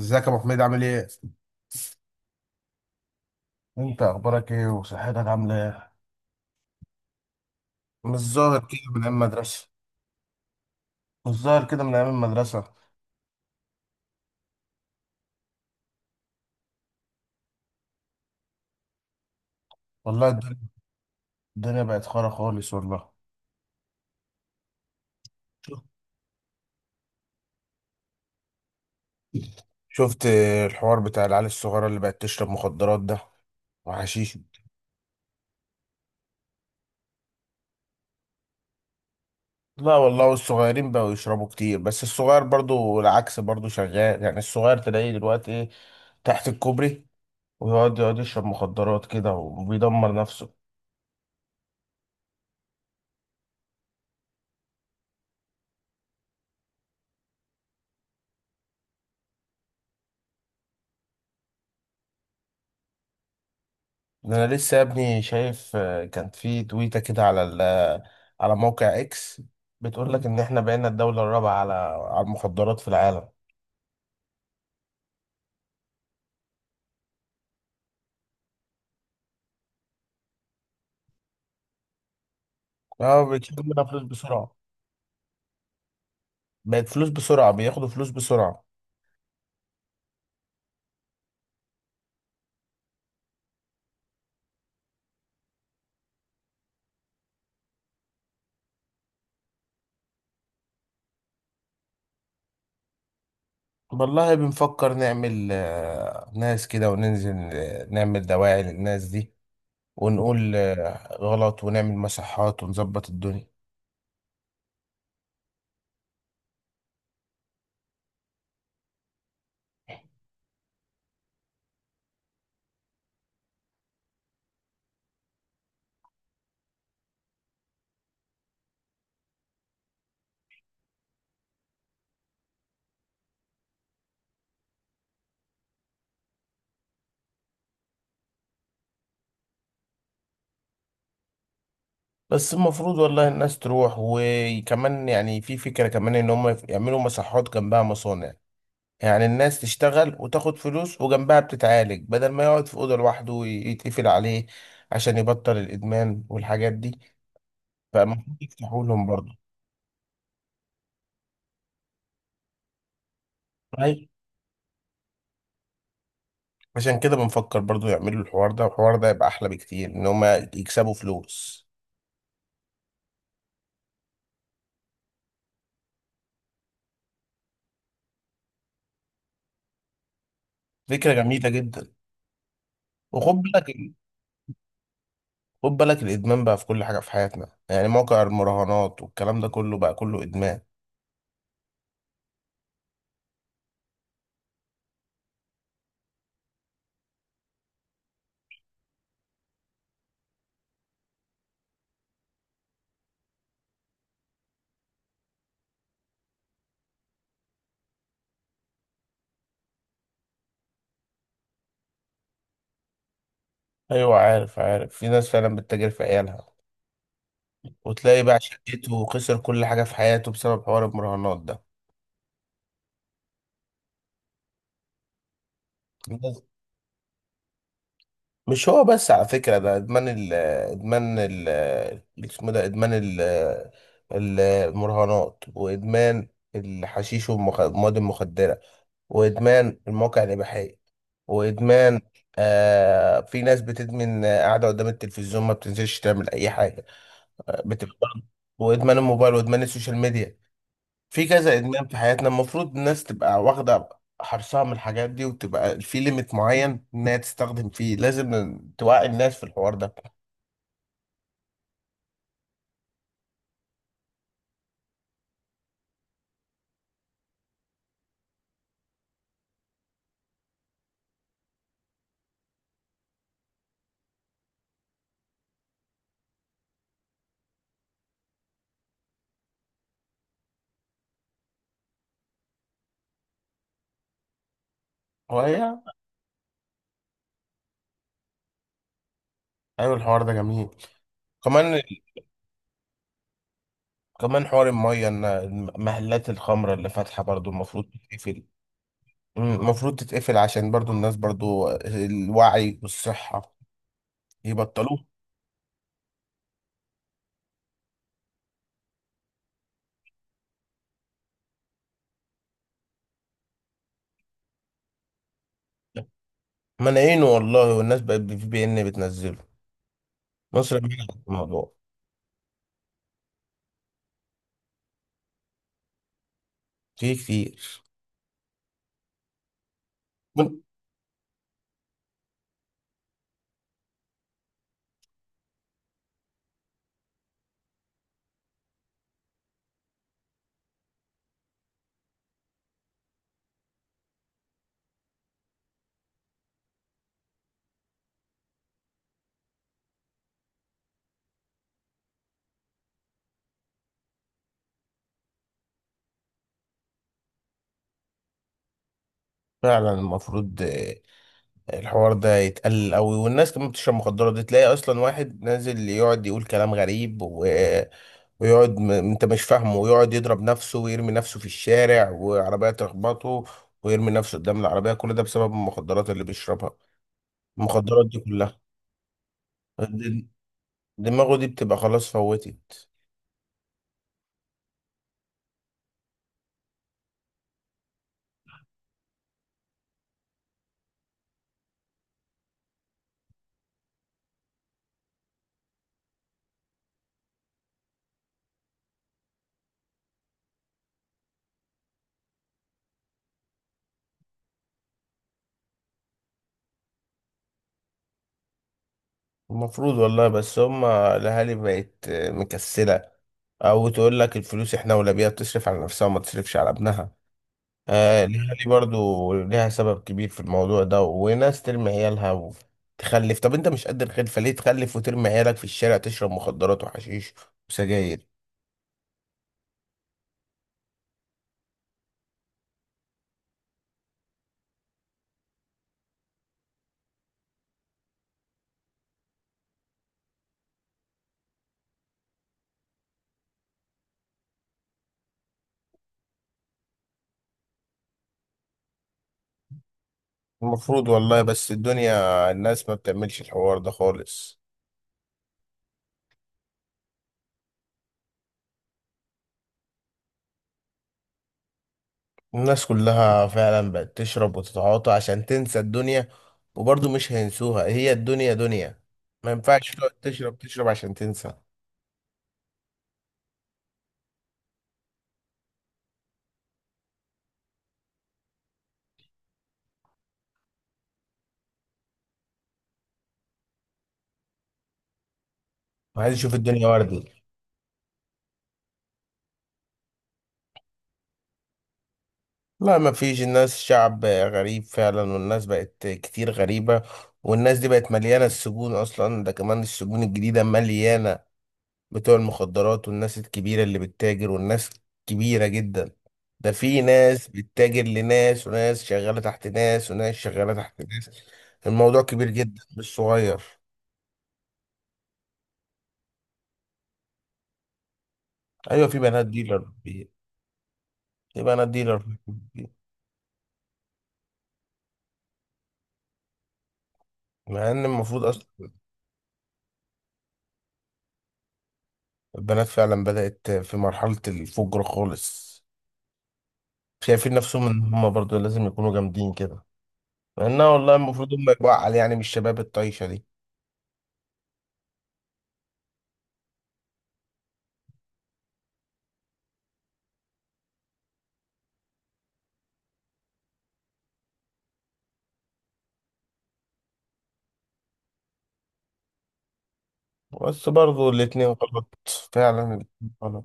ازيك يا ابو حميد؟ عامل ايه؟ انت اخبارك ايه وصحتك عامله ايه؟ مش ظاهر كده من ايام المدرسة. مش ظاهر كده من ايام المدرسه. والله الدنيا. الدنيا بقت خرا خالص والله. شفت الحوار بتاع العيال الصغيرة اللي بقت تشرب مخدرات ده وحشيش. لا والله، والصغيرين بقوا يشربوا كتير، بس الصغير برضو العكس، برضو شغال يعني. الصغير تلاقيه دلوقتي ايه، تحت الكوبري، ويقعد يشرب مخدرات كده وبيدمر نفسه. ده انا لسه يا ابني شايف كان في تويته كده على على موقع اكس، بتقول لك ان احنا بقينا الدوله الرابعه على المخدرات في العالم. اه بيكسبوا منها فلوس بسرعه. بقت فلوس بسرعه، بياخدوا فلوس بسرعه. والله بنفكر نعمل ناس كده وننزل نعمل دواعي للناس دي، ونقول غلط، ونعمل مصحات ونظبط الدنيا. بس المفروض والله الناس تروح، وكمان يعني في فكرة كمان ان هم يعملوا مصحات جنبها مصانع، يعني الناس تشتغل وتاخد فلوس وجنبها بتتعالج، بدل ما يقعد في أوضة لوحده ويتقفل عليه عشان يبطل الإدمان والحاجات دي. فالمفروض يفتحوا لهم برضه. أيوة. عشان كده بنفكر برضه يعملوا الحوار ده، والحوار ده يبقى أحلى بكتير إن هما يكسبوا فلوس. فكرة جميلة جدا. وخد بالك، خد بالك الإدمان بقى في كل حاجة في حياتنا، يعني موقع المراهنات والكلام ده كله بقى كله إدمان. أيوة عارف، عارف. في ناس فعلا بتتاجر في عيالها، وتلاقي بقى شقته وخسر كل حاجة في حياته بسبب حوار المراهنات ده. بس- مش هو بس على فكرة. ده ادمان ال ادمان ال اسمه ده ادمان ال ال- المراهنات، وادمان الحشيش والمواد المخدرة، وادمان المواقع الإباحية، وادمان، في ناس بتدمن قاعدة قدام التلفزيون، ما بتنزلش تعمل أي حاجة. بتبقى وادمان الموبايل وادمان السوشيال ميديا. في كذا ادمان في حياتنا، المفروض الناس تبقى واخده حرصها من الحاجات دي، وتبقى في ليميت معين انها تستخدم فيه. لازم توعي الناس في الحوار ده. هواية. ايوه الحوار ده جميل كمان. كمان حوار الميه ان محلات الخمره اللي فاتحه برضو المفروض تتقفل. المفروض تتقفل عشان برضو الناس، برضو الوعي والصحه يبطلوه. منعينه والله، والناس بقت في بي ان بتنزله. مصر منعت الموضوع. في كتير. فعلا المفروض الحوار ده يتقلل قوي. والناس كمان بتشرب مخدرات دي، تلاقي اصلا واحد نازل يقعد يقول كلام غريب، انت مش فاهمه، ويقعد يضرب نفسه ويرمي نفسه في الشارع وعربية تخبطه، ويرمي نفسه قدام العربية. كل ده بسبب المخدرات اللي بيشربها، المخدرات دي كلها. د- دماغه دي بتبقى خلاص فوتت. المفروض والله، بس هما الاهالي بقت مكسلة، او تقول لك الفلوس احنا ولا بيها، تصرف على نفسها وما تصرفش على ابنها. ليها، برضو ليها سبب كبير في الموضوع ده. وناس ترمي عيالها وتخلف. طب انت مش قد الخلفة، ليه تخلف وترمي عيالك في الشارع تشرب مخدرات وحشيش وسجاير؟ المفروض والله، بس الدنيا الناس ما بتعملش الحوار ده خالص. الناس كلها فعلا بقت تشرب وتتعاطى عشان تنسى الدنيا، وبرضو مش هينسوها، هي الدنيا دنيا، ما ينفعش تقعد تشرب عشان تنسى. وعايز اشوف الدنيا وردي. لا ما فيش، الناس شعب غريب فعلا، والناس بقت كتير غريبة. والناس دي بقت مليانة السجون، أصلا ده كمان السجون الجديدة مليانة بتوع المخدرات، والناس الكبيرة اللي بتتاجر، والناس كبيرة جدا. ده في ناس بتتاجر لناس، وناس شغالة تحت ناس، وناس شغالة تحت ناس. الموضوع كبير جدا مش صغير. أيوة في بنات ديلر، في، في بنات ديلر. مع إن المفروض أصلا، البنات فعلا بدأت في مرحلة الفجر خالص، شايفين نفسهم ان هم برضو لازم يكونوا جامدين كده، مع انها والله المفروض هم يبقوا اعقل، يعني مش شباب الطايشه دي. بس برضو الاتنين غلط، فعلا الاتنين غلط.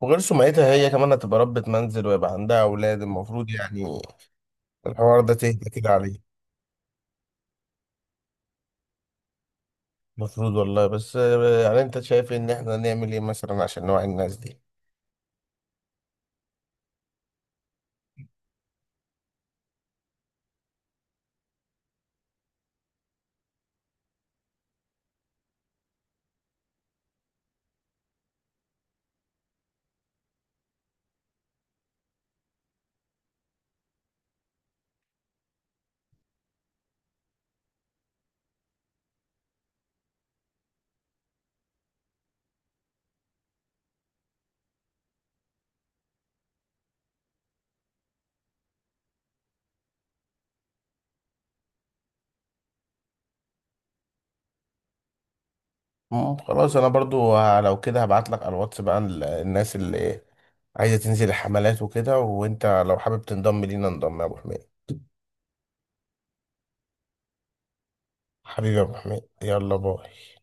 وغير سمعتها، هي كمان هتبقى ربة منزل ويبقى عندها اولاد، المفروض يعني الحوار ده تهدى كده عليه. المفروض والله، بس يعني انت شايف ان احنا نعمل ايه مثلا عشان نوعي الناس دي؟ خلاص انا برضو لو كده هبعت لك على الواتس بقى الناس اللي عايزه تنزل الحملات وكده، وانت لو حابب تنضم لينا انضم يا ابو حميد. حبيبي يا ابو حميد، يلا باي.